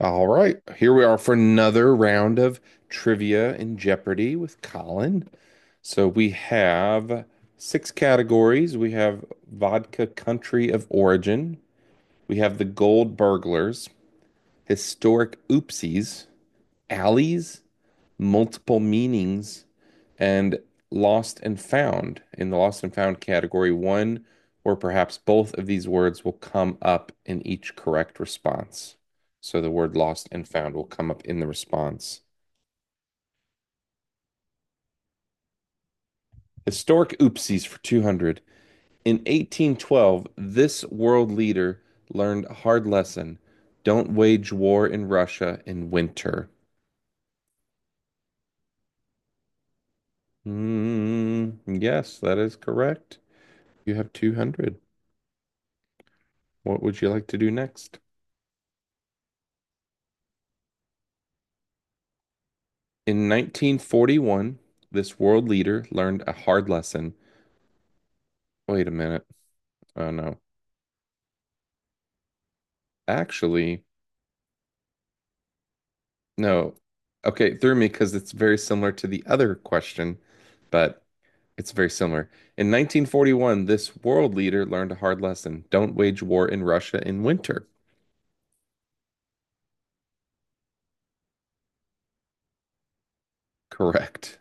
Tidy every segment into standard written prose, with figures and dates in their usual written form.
All right, here we are for another round of trivia and Jeopardy with Colin. So we have six categories. We have vodka country of origin. We have the gold burglars, historic oopsies, alleys, multiple meanings and lost and found. In the lost and found category, one or perhaps both of these words will come up in each correct response. So the word lost and found will come up in the response. Historic oopsies for 200. In 1812, this world leader learned a hard lesson. Don't wage war in Russia in winter. Mm, yes, that is correct. You have 200. What would you like to do next? In 1941, this world leader learned a hard lesson. Wait a minute. Oh no. Actually, no. Okay, it threw me because it's very similar to the other question, but it's very similar. In 1941, this world leader learned a hard lesson. Don't wage war in Russia in winter. Correct.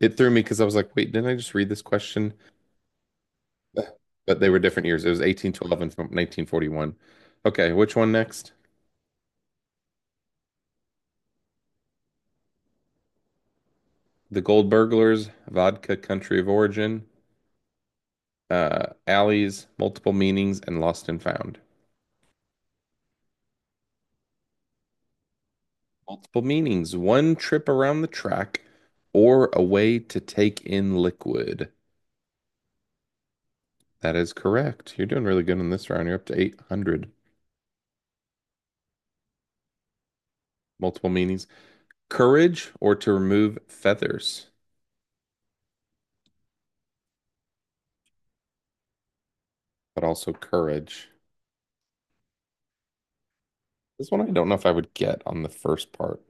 It threw me because I was like, wait, didn't I just read this question? But they were different years. It was 1812 and from 1941. Okay, which one next? The Gold Burglars, Vodka Country of Origin, alleys, multiple meanings, and lost and found. Multiple meanings, one trip around the track or a way to take in liquid. That is correct. You're doing really good in this round. You're up to 800. Multiple meanings. Courage or to remove feathers, but also courage. This one I don't know if I would get on the first part.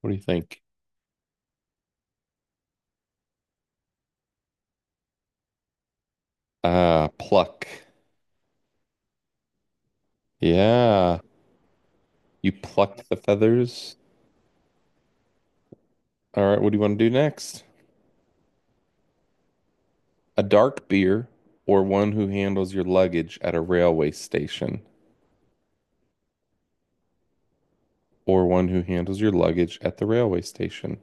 What do you think? Pluck. Yeah. You plucked the feathers. All right. What do you want to do next? A dark beer, or one who handles your luggage at a railway station, or one who handles your luggage at the railway station.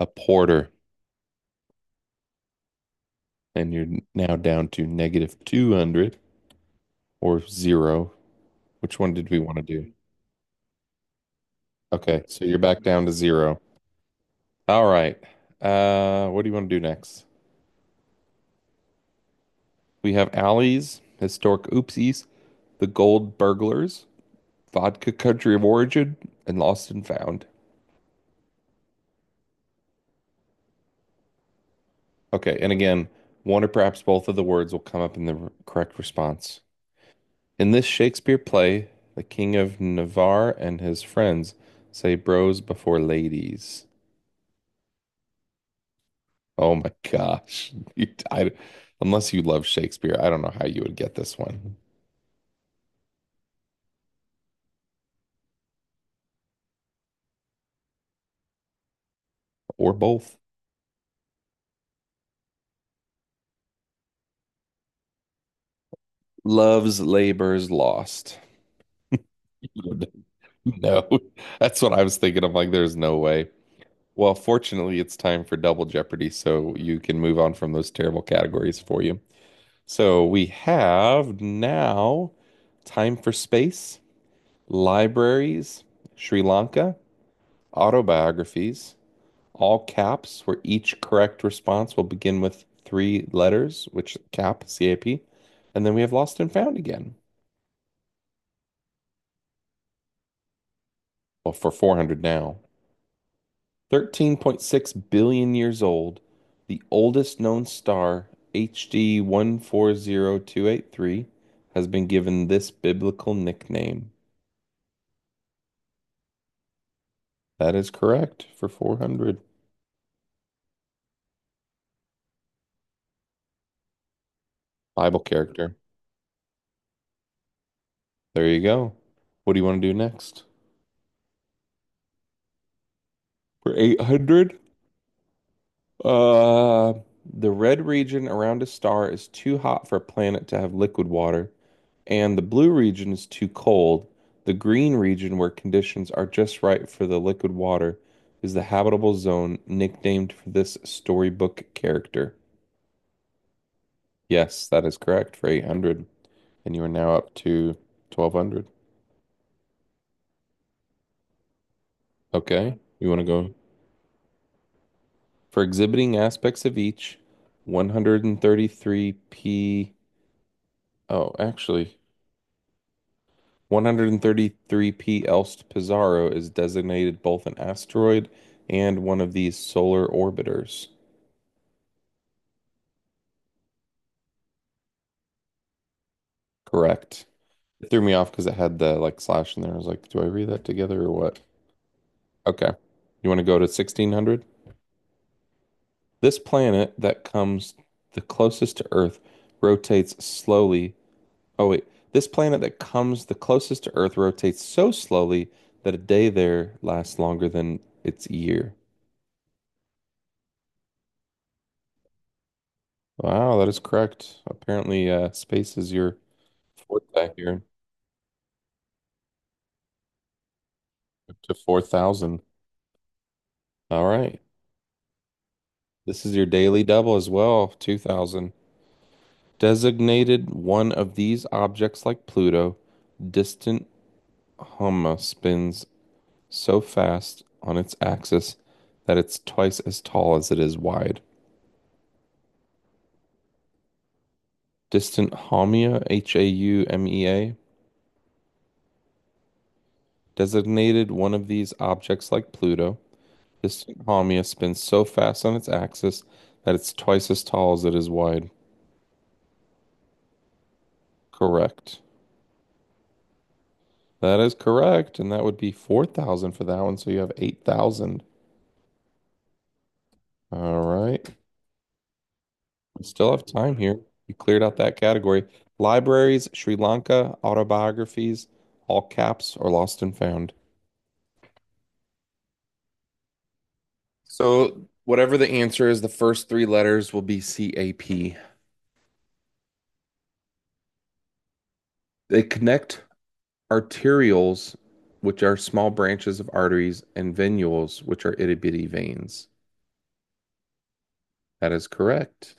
A porter, and you're now down to negative 200 or zero. Which one did we want to do? Okay, so you're back down to zero. All right. What do you want to do next? We have alleys, historic oopsies, the gold burglars, vodka country of origin, and lost and found. Okay, and again, one or perhaps both of the words will come up in the correct response. In this Shakespeare play, the King of Navarre and his friends say bros before ladies. Oh my gosh. Unless you love Shakespeare, I don't know how you would get this one or both. Love's Labor's Lost. No, that's what I was thinking. I'm like, there's no way. Well, fortunately, it's time for Double Jeopardy, so you can move on from those terrible categories for you. So we have now Time for Space, Libraries, Sri Lanka, Autobiographies, all caps, where each correct response will begin with three letters, which cap, CAP. And then we have Lost and Found again. Well, for 400 now. 13.6 billion years old, the oldest known star, HD 140283, has been given this biblical nickname. That is correct for 400. Bible character. There you go. What do you want to do next? For 800? Uh, the red region around a star is too hot for a planet to have liquid water, and the blue region is too cold. The green region, where conditions are just right for the liquid water, is the habitable zone nicknamed for this storybook character. Yes, that is correct for 800. And you are now up to 1200. Okay. You want to go? For exhibiting aspects of each, 133p. Oh, actually, 133p Elst Pizarro is designated both an asteroid and one of these solar orbiters. Correct. It threw me off because it had the like slash in there. I was like, do I read that together or what? Okay. You want to go to 1600? This planet that comes the closest to Earth rotates slowly. Oh, wait. This planet that comes the closest to Earth rotates so slowly that a day there lasts longer than its year. Wow, that is correct. Apparently, space is your fourth back here, up to 4,000. All right. This is your daily double as well, 2,000. Designated one of these objects like Pluto, distant Homa spins so fast on its axis that it's twice as tall as it is wide. Distant Haumea, Haumea, designated one of these objects like Pluto. Distant Haumea spins so fast on its axis that it's twice as tall as it is wide. Correct. That is correct, and that would be 4,000 for that one, so you have 8,000. All right. We still have time here. You cleared out that category. Libraries, Sri Lanka, autobiographies, all caps, or lost and found. So whatever the answer is, the first three letters will be CAP. They connect arterioles, which are small branches of arteries, and venules, which are itty bitty veins. That is correct.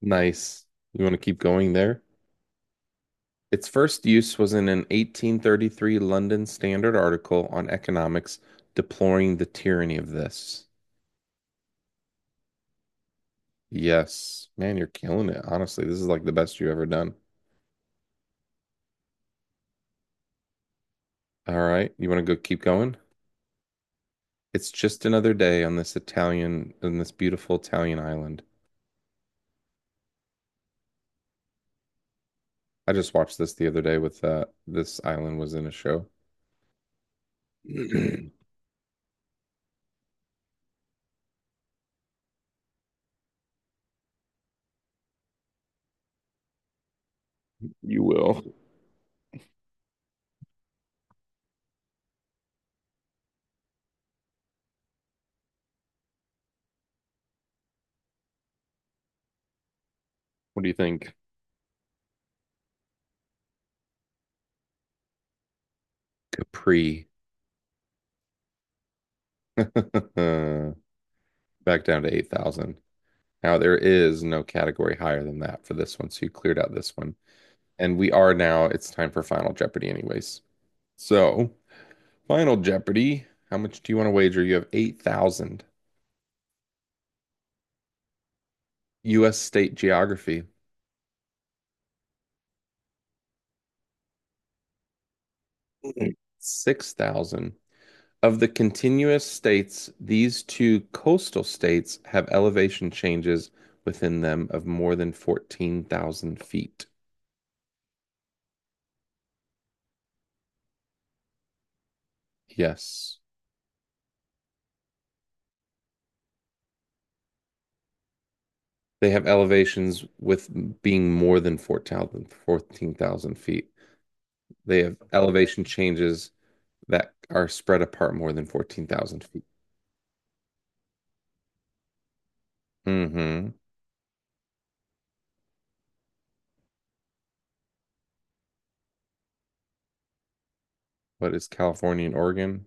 Nice. You want to keep going there? Its first use was in an 1833 London Standard article on economics deploring the tyranny of this. Yes. Man, you're killing it. Honestly, this is like the best you've ever done. All right. You want to go keep going? It's just another day on this beautiful Italian island. I just watched this the other day with this island was in a show. You will. What do you think? Capri. Back down to 8,000. Now there is no category higher than that for this one, so you cleared out this one. And we are now it's time for Final Jeopardy anyways. So, Final Jeopardy, how much do you want to wager? You have 8,000. US state geography. 6,000. Of the continuous states, these two coastal states have elevation changes within them of more than 14,000 feet. Yes. They have elevations with being more than 14,000 feet. They have elevation changes that are spread apart more than 14,000 feet. Mm-hmm. What is California and Oregon?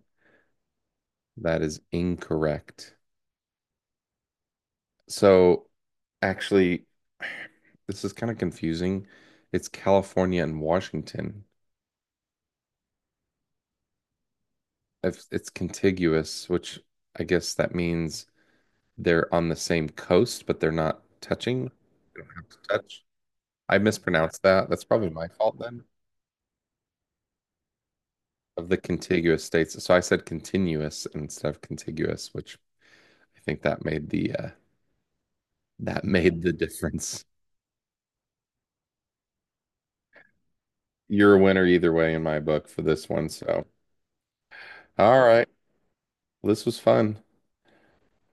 That is incorrect. So actually, this is kind of confusing. It's California and Washington. If it's contiguous, which I guess that means they're on the same coast, but they're not touching. They don't have to touch. I mispronounced that. That's probably my fault then. Of the contiguous states. So I said continuous instead of contiguous, which I think that made the difference. You're a winner either way in my book for this one. So, all right. This was fun.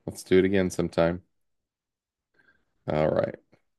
Let's do it again sometime. All right.